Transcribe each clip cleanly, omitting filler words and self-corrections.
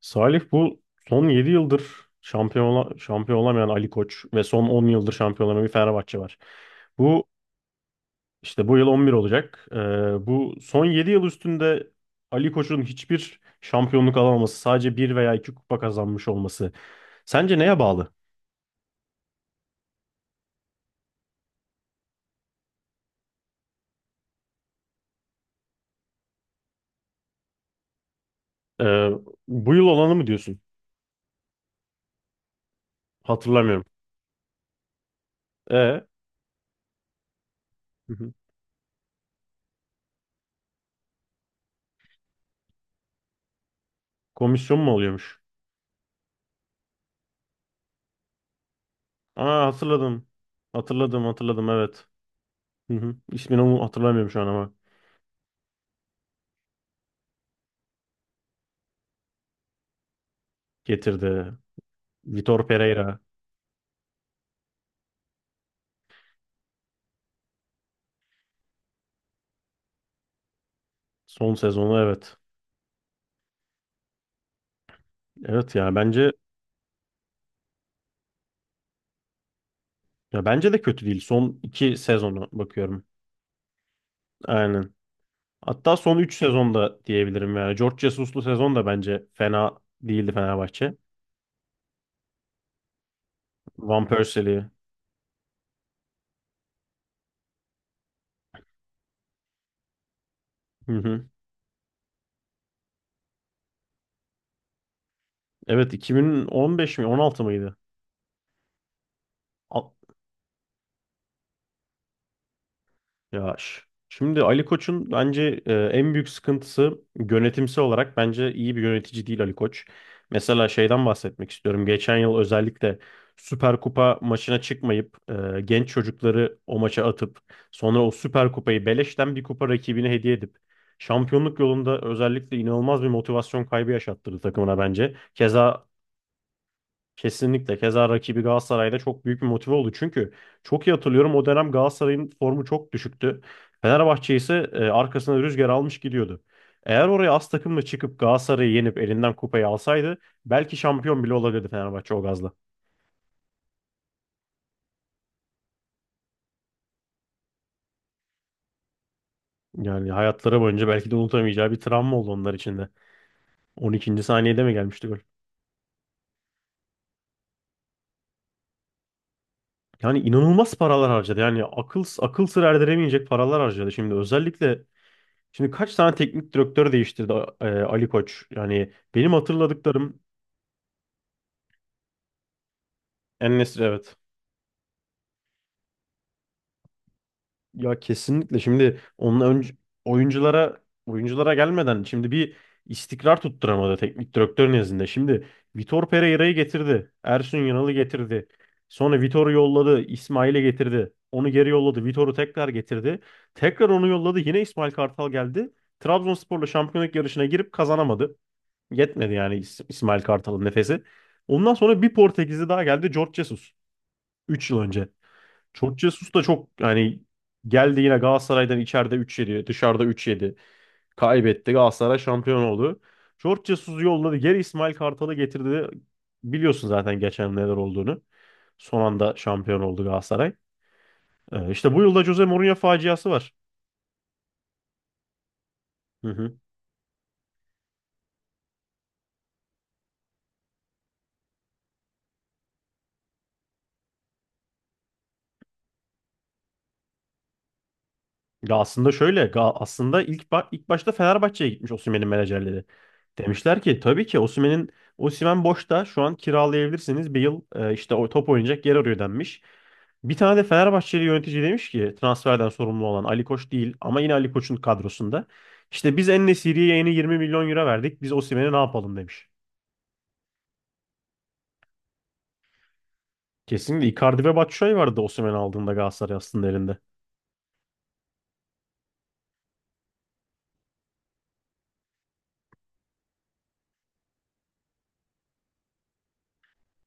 Salih, bu son 7 yıldır şampiyon olamayan Ali Koç ve son 10 yıldır şampiyon olamayan bir Fenerbahçe var. Bu işte bu yıl 11 olacak. Bu son 7 yıl üstünde Ali Koç'un hiçbir şampiyonluk alamaması, sadece bir veya 2 kupa kazanmış olması. Sence neye bağlı? Ee, Bu yıl olanı mı diyorsun? Hatırlamıyorum. Hı hı. Komisyon mu oluyormuş? Aa, hatırladım. Hatırladım, hatırladım, evet. Hı hı. İsmini hatırlamıyorum şu an ama getirdi. Vitor Pereira. Son sezonu, evet. Evet, ya bence de kötü değil. Son iki sezonu bakıyorum. Aynen. Hatta son üç sezonda diyebilirim yani. George Jesus'lu sezon da bence fena değildi Fenerbahçe. Van Persie'li. Hı hı. Evet, 2015 mi, 16 mıydı? Ya, şimdi Ali Koç'un bence en büyük sıkıntısı, yönetimsel olarak bence iyi bir yönetici değil Ali Koç. Mesela şeyden bahsetmek istiyorum. Geçen yıl özellikle Süper Kupa maçına çıkmayıp genç çocukları o maça atıp sonra o Süper Kupayı beleşten bir kupa rakibine hediye edip şampiyonluk yolunda özellikle inanılmaz bir motivasyon kaybı yaşattırdı takımına bence. Keza. Kesinlikle. Keza rakibi Galatasaray'da çok büyük bir motive oldu. Çünkü çok iyi hatırlıyorum, o dönem Galatasaray'ın formu çok düşüktü. Fenerbahçe ise arkasına rüzgar almış gidiyordu. Eğer oraya az takımla çıkıp Galatasaray'ı yenip elinden kupayı alsaydı belki şampiyon bile olabilirdi Fenerbahçe o gazla. Yani hayatları boyunca belki de unutamayacağı bir travma oldu onlar için de. 12. saniyede mi gelmişti gol? Yani inanılmaz paralar harcadı. Yani akıl akıl sır erdiremeyecek paralar harcadı. Şimdi kaç tane teknik direktör değiştirdi Ali Koç? Yani benim hatırladıklarım, en evet. Ya kesinlikle şimdi onun önce oyunculara gelmeden şimdi bir istikrar tutturamadı teknik direktör nezdinde. Şimdi Vitor Pereira'yı getirdi. Ersun Yanal'ı getirdi. Sonra Vitor'u yolladı. İsmail'i getirdi. Onu geri yolladı. Vitor'u tekrar getirdi. Tekrar onu yolladı. Yine İsmail Kartal geldi. Trabzonspor'la şampiyonluk yarışına girip kazanamadı. Yetmedi yani İsmail Kartal'ın nefesi. Ondan sonra bir Portekizli daha geldi. Jorge Jesus. 3 yıl önce. Jorge Jesus da çok yani geldi, yine Galatasaray'dan içeride 3-7, dışarıda 3-7. Kaybetti. Galatasaray şampiyon oldu. Jorge Jesus'u yolladı. Geri İsmail Kartal'ı getirdi. Biliyorsun zaten geçen neler olduğunu. Son anda şampiyon oldu Galatasaray. İşte bu yılda Jose Mourinho faciası var. Hı hı. Ya, aslında şöyle, aslında ilk ilk başta Fenerbahçe'ye gitmiş Osimhen'in menajerleri. Demişler ki, tabii ki Osimhen boşta, şu an kiralayabilirsiniz. Bir yıl işte o top oynayacak yer arıyor denmiş. Bir tane de Fenerbahçeli yönetici demiş ki, transferden sorumlu olan Ali Koç değil ama yine Ali Koç'un kadrosunda. İşte biz En-Nesyri'ye yeni 20 milyon euro verdik. Biz Osimhen'e ne yapalım demiş. Kesinlikle Icardi ve Batshuayi vardı Osimhen'i aldığında Galatasaray aslında elinde.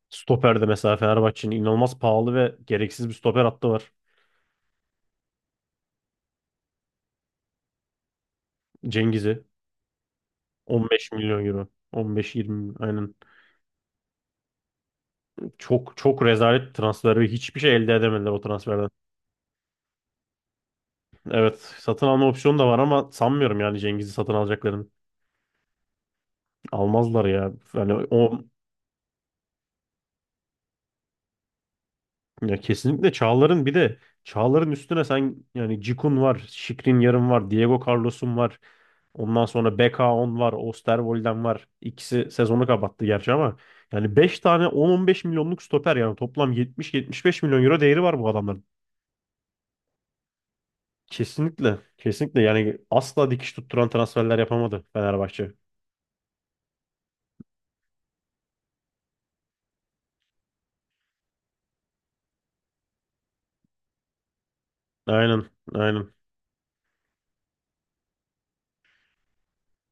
Stoper'de mesela Fenerbahçe'nin inanılmaz pahalı ve gereksiz bir stoper hattı var. Cengiz'i 15 milyon euro. 15-20, aynen. Çok çok rezalet transferi. Hiçbir şey elde edemediler o transferden. Evet, satın alma opsiyonu da var ama sanmıyorum yani Cengiz'i satın alacaklarını. Almazlar ya. Yani o, ya kesinlikle Çağlar'ın bir de Çağlar'ın üstüne sen, yani Cikun var, yarım var, Diego Carlos'un var. Ondan sonra beka on var, Osterwold'den var. İkisi sezonu kapattı gerçi ama yani 5 tane 10-15 milyonluk stoper, yani toplam 70-75 milyon euro değeri var bu adamların. Kesinlikle. Kesinlikle yani asla dikiş tutturan transferler yapamadı Fenerbahçe. Aynen. Aynen.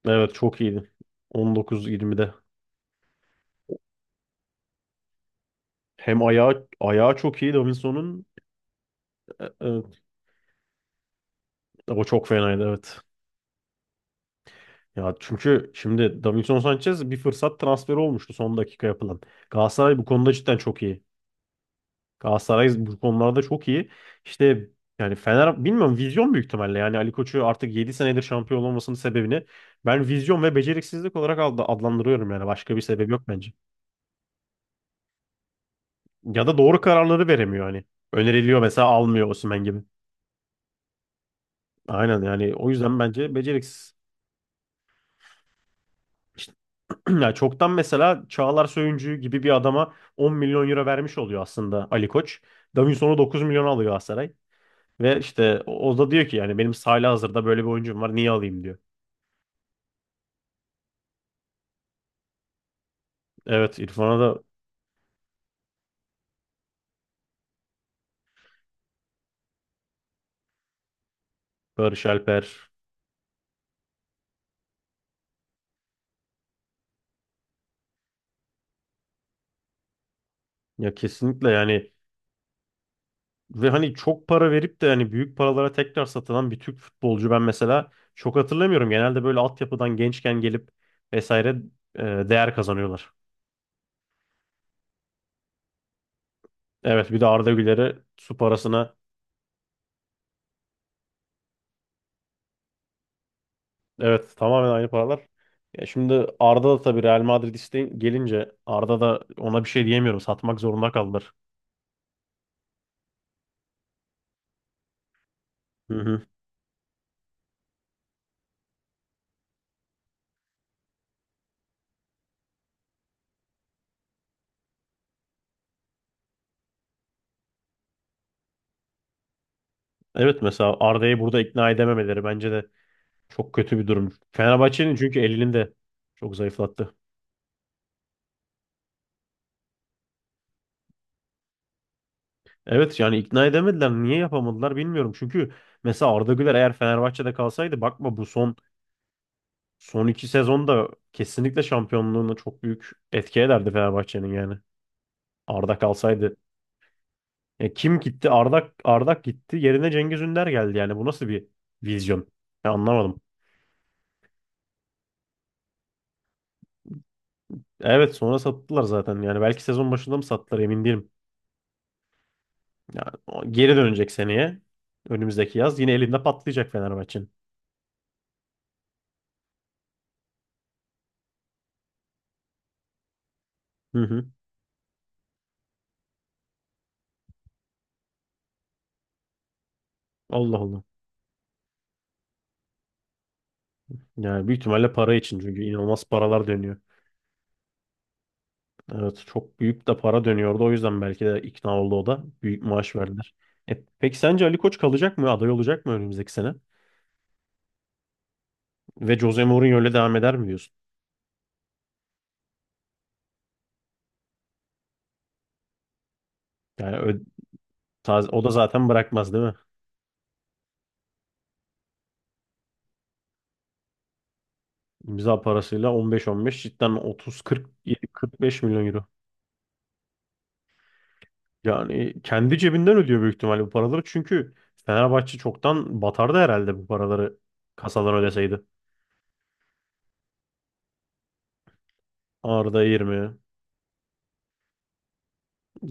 Evet, çok iyiydi. 19-20'de. Hem ayağı çok iyi Davinson'un. Evet. O çok fenaydı, evet. Ya çünkü şimdi Davinson Sanchez bir fırsat transferi olmuştu, son dakika yapılan. Galatasaray bu konuda cidden çok iyi. Galatasaray bu konularda çok iyi. İşte yani Fener, bilmiyorum, vizyon büyük ihtimalle. Yani Ali Koç'u artık 7 senedir şampiyon olmasının sebebini ben vizyon ve beceriksizlik olarak adlandırıyorum yani. Başka bir sebep yok bence. Ya da doğru kararları veremiyor hani. Öneriliyor mesela, almıyor, Osimhen gibi. Aynen, yani o yüzden bence beceriksiz. İşte, yani çoktan mesela Çağlar Söyüncü gibi bir adama 10 milyon euro vermiş oluyor aslında Ali Koç. Davinson'u 9 milyon alıyor Galatasaray. Ve işte o da diyor ki, yani benim sahada hazırda böyle bir oyuncum var, niye alayım diyor. Evet, İrfan'a da. Barış Alper. Ya kesinlikle yani, ve hani çok para verip de hani büyük paralara tekrar satılan bir Türk futbolcu ben mesela çok hatırlamıyorum. Genelde böyle altyapıdan gençken gelip vesaire değer kazanıyorlar. Evet, bir de Arda Güler'e su parasına, evet, tamamen aynı paralar. Ya şimdi Arda da, tabii, Real Madrid isteği gelince Arda da ona bir şey diyemiyorum. Satmak zorunda kaldılar. Hı hı. Evet, mesela Arda'yı burada ikna edememeleri bence de çok kötü bir durum. Fenerbahçe'nin çünkü elinde çok zayıflattı. Evet yani ikna edemediler. Niye yapamadılar bilmiyorum. Çünkü mesela Arda Güler eğer Fenerbahçe'de kalsaydı, bakma, bu son iki sezonda kesinlikle şampiyonluğuna çok büyük etki ederdi Fenerbahçe'nin yani. Arda kalsaydı. Kim gitti? Arda gitti. Yerine Cengiz Ünder geldi yani. Bu nasıl bir vizyon? Ya, anlamadım. Evet, sonra sattılar zaten. Yani belki sezon başında mı sattılar, emin değilim. Yani o geri dönecek seneye. Önümüzdeki yaz. Yine elinde patlayacak Fenerbahçe'nin. Hı hı. Allah Allah. Yani büyük ihtimalle para için, çünkü inanılmaz paralar dönüyor. Evet, çok büyük de para dönüyordu. O yüzden belki de ikna oldu o da. Büyük maaş verdiler. Peki sence Ali Koç kalacak mı? Aday olacak mı önümüzdeki sene? Ve Jose Mourinho öyle devam eder mi diyorsun? Yani o da zaten bırakmaz, değil mi? İmza parasıyla 15-15, cidden 30-40-45 milyon euro. Yani kendi cebinden ödüyor büyük ihtimalle bu paraları. Çünkü Fenerbahçe çoktan batardı herhalde bu paraları kasadan ödeseydi. Arda 20.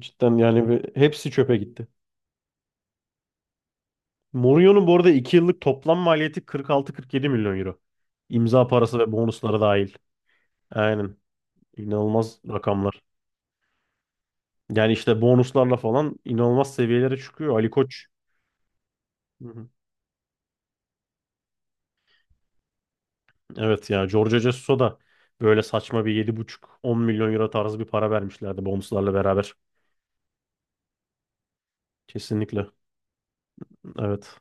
Cidden yani, hepsi çöpe gitti. Mourinho'nun bu arada 2 yıllık toplam maliyeti 46-47 milyon euro. İmza parası ve bonusları dahil. Aynen. İnanılmaz rakamlar. Yani işte bonuslarla falan inanılmaz seviyelere çıkıyor. Ali Koç. Hı hı. Evet ya, Jorge Jesus'a da böyle saçma bir yedi buçuk on milyon euro tarzı bir para vermişlerdi bonuslarla beraber. Kesinlikle. Evet.